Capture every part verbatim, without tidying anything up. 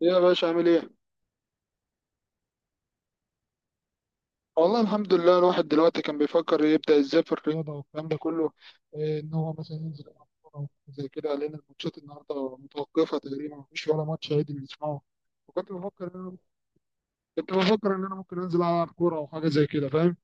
يا باشا عامل ايه؟ والله الحمد لله. الواحد دلوقتي كان بيفكر يبدأ ازاي في الرياضة والكلام ده كله. إيه ان هو مثلا ينزل يلعب كورة وحاجات زي كده، لأن الماتشات النهاردة متوقفة تقريبا، مفيش ولا ماتش عادي بنسمعه. وكنت بفكر ان انا كنت بفكر ان انا ممكن انزل العب كورة او حاجة زي كده، فاهم؟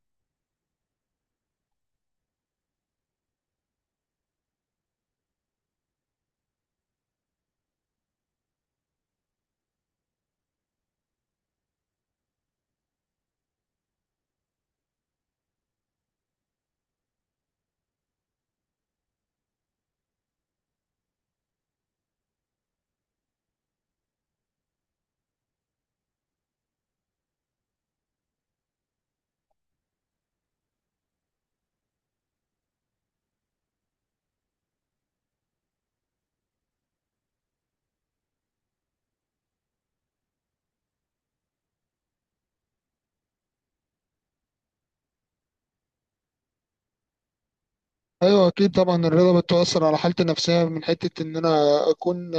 ايوه اكيد، طبعا الرياضه بتؤثر على حالتي النفسيه، من حته ان انا اكون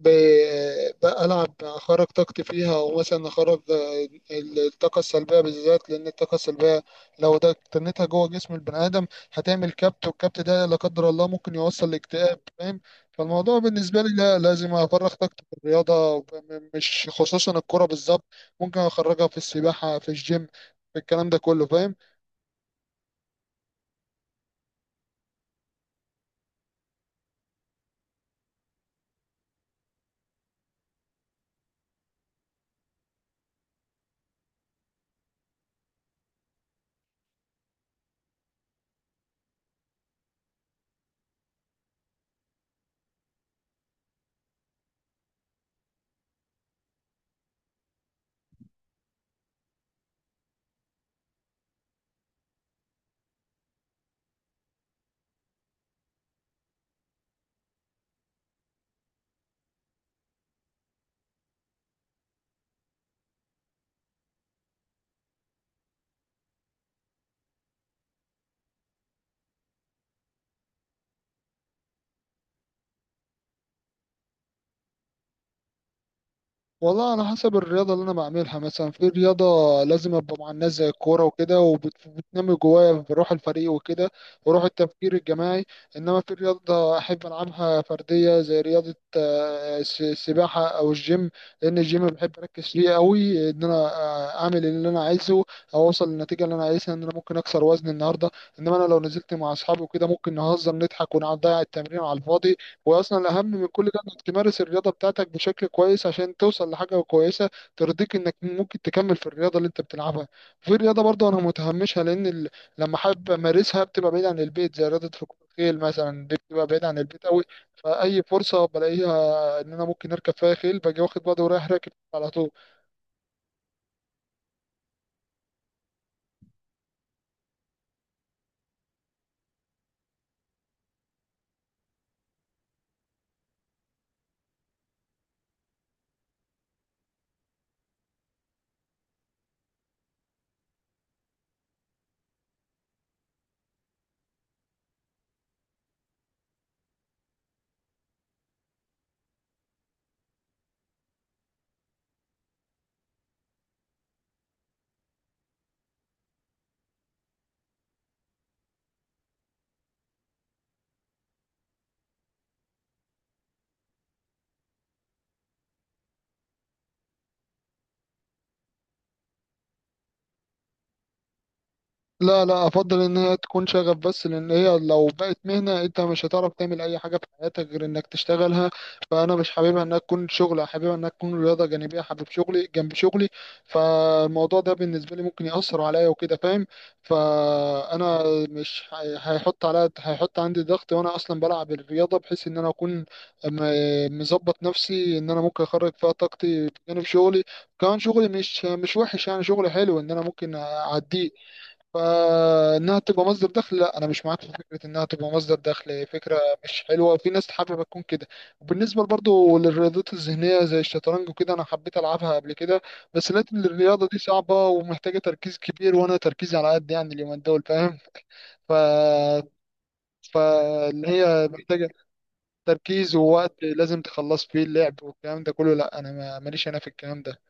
ب... بلعب اخرج طاقتي فيها، ومثلا اخرج ال- الطاقه السلبيه بالذات، لان الطاقه السلبيه لو ده اكتنتها جوه جسم البني ادم هتعمل كبت، والكبت ده لا قدر الله ممكن يوصل لاكتئاب، فاهم. فالموضوع بالنسبه لي، لا، لازم افرغ طاقتي في الرياضه، وب- م- مش خصوصا الكره بالظبط، ممكن اخرجها في السباحه، في الجيم، في الكلام ده كله، فاهم. والله على حسب الرياضة اللي أنا بعملها. مثلا في رياضة لازم أبقى مع الناس زي الكورة وكده، وبتنمي جوايا بروح الفريق وكده، وروح التفكير الجماعي. إنما في رياضة أحب ألعبها فردية زي رياضة آه، الس- السباحة أو الجيم، لأن الجيم بحب أركز فيه أوي، إن أنا آه، أعمل اللي أنا عايزه، أو أوصل للنتيجة اللي أنا عايزها، إن أنا ممكن أكسر وزن النهاردة. إنما أنا لو نزلت مع أصحابي وكده ممكن نهزر نضحك ونقعد نضيع التمرين على الفاضي. واصلا الاهم من كل ده انك تمارس الرياضه بتاعتك بشكل كويس، عشان توصل لحاجه كويسه ترضيك، انك ممكن تكمل في الرياضه اللي انت بتلعبها. في رياضه برضه انا متهمشها لان ال... لما حابب امارسها بتبقى بعيد عن البيت، زي رياضه ركوب الخيل مثلا، دي بتبقى بعيد عن البيت قوي. فاي فرصه بلاقيها ان انا ممكن اركب فيها خيل باجي واخد بعضي ورايح راكب على طول. لا لا، افضل ان هي تكون شغف بس، لان هي لو بقت مهنه انت مش هتعرف تعمل اي حاجه في حياتك غير انك تشتغلها. فانا مش حاببها انها تكون شغل، حاببها انها تكون رياضه جانبيه، حابب شغلي جنب شغلي. فالموضوع ده بالنسبه لي ممكن ياثر عليا وكده، فاهم. فانا مش هي- هيحط عليا، هيحط عندي ضغط، وانا اصلا بلعب الرياضه بحيث ان انا اكون م- مظبط نفسي ان انا ممكن اخرج فيها طاقتي بجانب شغلي. كمان شغلي مش مش وحش يعني، شغلي حلو ان انا ممكن اعديه. فانها تبقى مصدر دخل، لا، انا مش معاك في فكره انها تبقى مصدر دخل. فكره مش حلوه، في ناس حابه تكون كده. وبالنسبه برضو للرياضات الذهنيه زي الشطرنج وكده، انا حبيت العبها قبل كده، بس لقيت ان الرياضه دي صعبه ومحتاجه تركيز كبير، وانا تركيزي على قد يعني اليومين دول، فاهم. ف فاللي هي محتاجه تركيز ووقت لازم تخلص فيه اللعب والكلام ده كله، لا انا ما- ماليش انا في الكلام ده.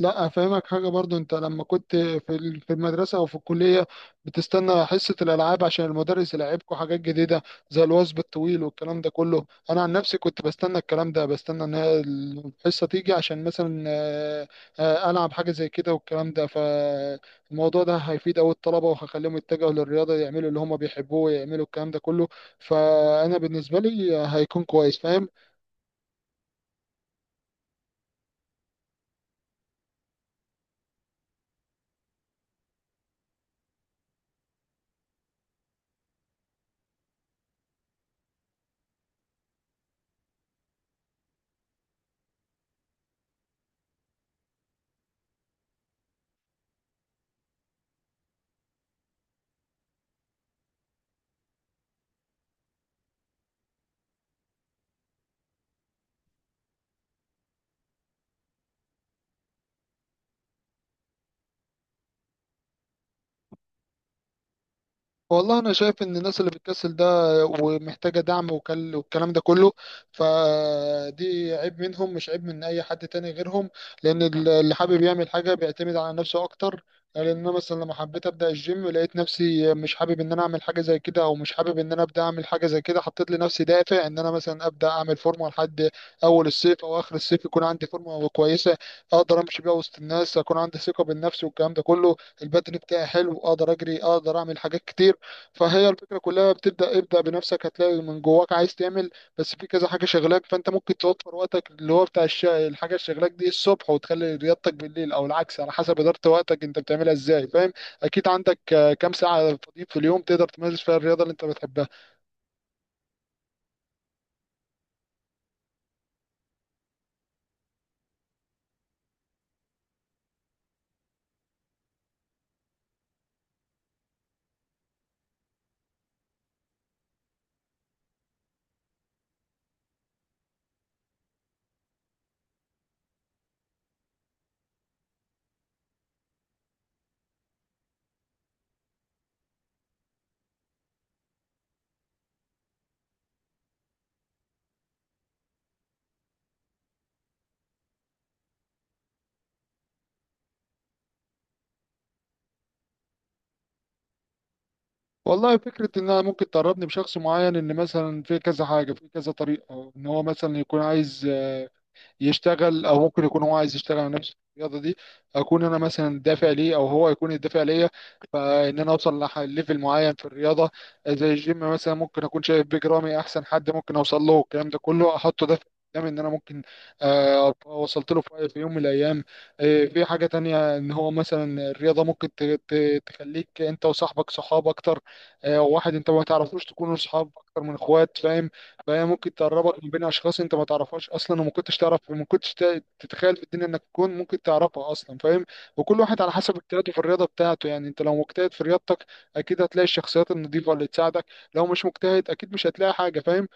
لا، افهمك حاجه برضو، انت لما كنت في ال- في المدرسه او في الكليه بتستنى حصه الالعاب عشان المدرس يلعبكم حاجات جديده زي الوثب الطويل والكلام ده كله. انا عن نفسي كنت بستنى الكلام ده، بستنى ان هي الحصه تيجي عشان مثلا آه، آه، العب حاجه زي كده والكلام ده. فالموضوع ده هيفيد أوي الطلبه وهخليهم يتجهوا للرياضه، يعملوا اللي هم بيحبوه ويعملوا الكلام ده كله. فانا بالنسبه لي هيكون كويس، فاهم. والله انا شايف ان الناس اللي بتكسل ده ومحتاجه دعم وكل- والكلام ده كله، فدي عيب منهم، مش عيب من اي حد تاني غيرهم. لان ال- اللي حابب يعمل حاجه بيعتمد على نفسه اكتر. لان انا مثلا لما حبيت ابدا الجيم لقيت نفسي مش حابب ان انا اعمل حاجه زي كده، او مش حابب ان انا ابدا اعمل حاجه زي كده، حطيت لنفسي دافع ان انا مثلا ابدا اعمل فورمه لحد اول الصيف او اخر الصيف، يكون عندي فورمه كويسه اقدر امشي بيها وسط الناس، اكون عندي ثقه بالنفس والكلام ده كله، البدن بتاعي حلو، اقدر اجري، اقدر اعمل حاجات كتير. فهي الفكرة كلها بتبدأ، ابدأ بنفسك هتلاقي من جواك عايز تعمل. بس في كذا حاجة شغلاك، فأنت ممكن توفر وقتك اللي هو بتاع الش... الحاجة اللي شغلاك دي الصبح، وتخلي رياضتك بالليل، أو العكس، على حسب إدارة وقتك أنت بتعملها إزاي، فاهم. أكيد عندك آه، كام ساعة فاضيين في اليوم تقدر تمارس فيها الرياضة اللي أنت بتحبها. والله فكرة إن أنا ممكن تقربني بشخص معين، إن مثلا في كذا حاجة، في كذا طريقة، إن هو مثلا يكون عايز يشتغل، او ممكن يكون هو عايز يشتغل على نفسه في الرياضه دي، اكون انا مثلا الدافع ليه، او هو يكون الدافع ليا. فان انا اوصل لليفل معين في الرياضه زي الجيم مثلا، ممكن اكون شايف بيج رامي احسن حد ممكن اوصل له، الكلام ده كله، احطه دافع قدامي ان انا ممكن آه، ابقى وصلت له في في يوم من الايام. آه، في حاجه تانية، ان هو مثلا الرياضه ممكن ت- ت- تخليك انت وصاحبك صحاب اكتر. آه، واحد انت ما تعرفوش تكونوا صحاب اكتر من اخوات، فاهم. فهي ممكن تقربك من بين اشخاص انت ما تعرفهاش اصلا وما كنتش تعرف وما كنتش تا- تتخيل في الدنيا انك تكون ممكن تعرفها اصلا، فاهم. وكل واحد على حسب اجتهاده في الرياضه بتاعته، يعني انت لو مجتهد في رياضتك اكيد هتلاقي الشخصيات النظيفه اللي تساعدك، لو مش مجتهد اكيد مش هتلاقي حاجه، فاهم.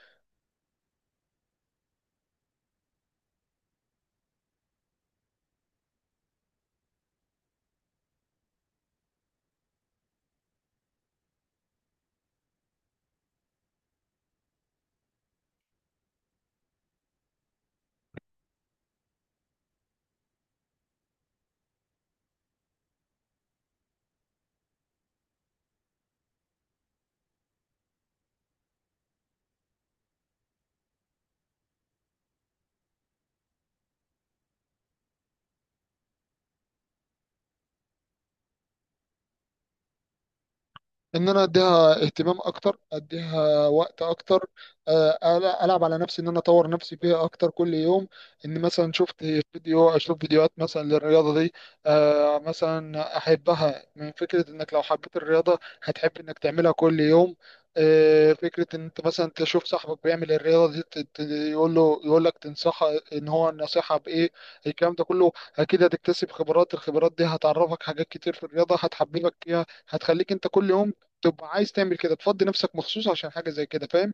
ان انا اديها اهتمام اكتر، اديها وقت اكتر، آه، ألا- العب على نفسي ان انا اطور نفسي فيها اكتر كل يوم. ان مثلا شفت فيديو اشوف فيديوهات مثلا للرياضه دي، آه، مثلا احبها، من فكره انك لو حبيت الرياضه هتحب انك تعملها كل يوم. آه، فكره ان انت مثلا تشوف صاحبك بيعمل الرياضه دي، ت- ت- يقول له يقول لك تنصحه ان هو النصيحه بايه، الكلام ده كله. اكيد هتكتسب خبرات، الخبرات دي هتعرفك حاجات كتير في الرياضه، هتحببك فيها، هتخليك انت كل يوم تبقى عايز تعمل كده، تفضي نفسك مخصوص عشان حاجة زي كده، فاهم.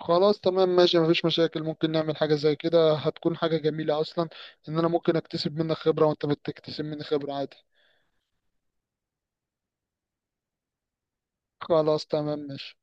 خلاص تمام ماشي، مفيش مشاكل، ممكن نعمل حاجة زي كده، هتكون حاجة جميلة أصلا، إن أنا ممكن أكتسب منك خبرة وأنت بتكتسب مني خبرة عادي. خلاص تمام ماشي.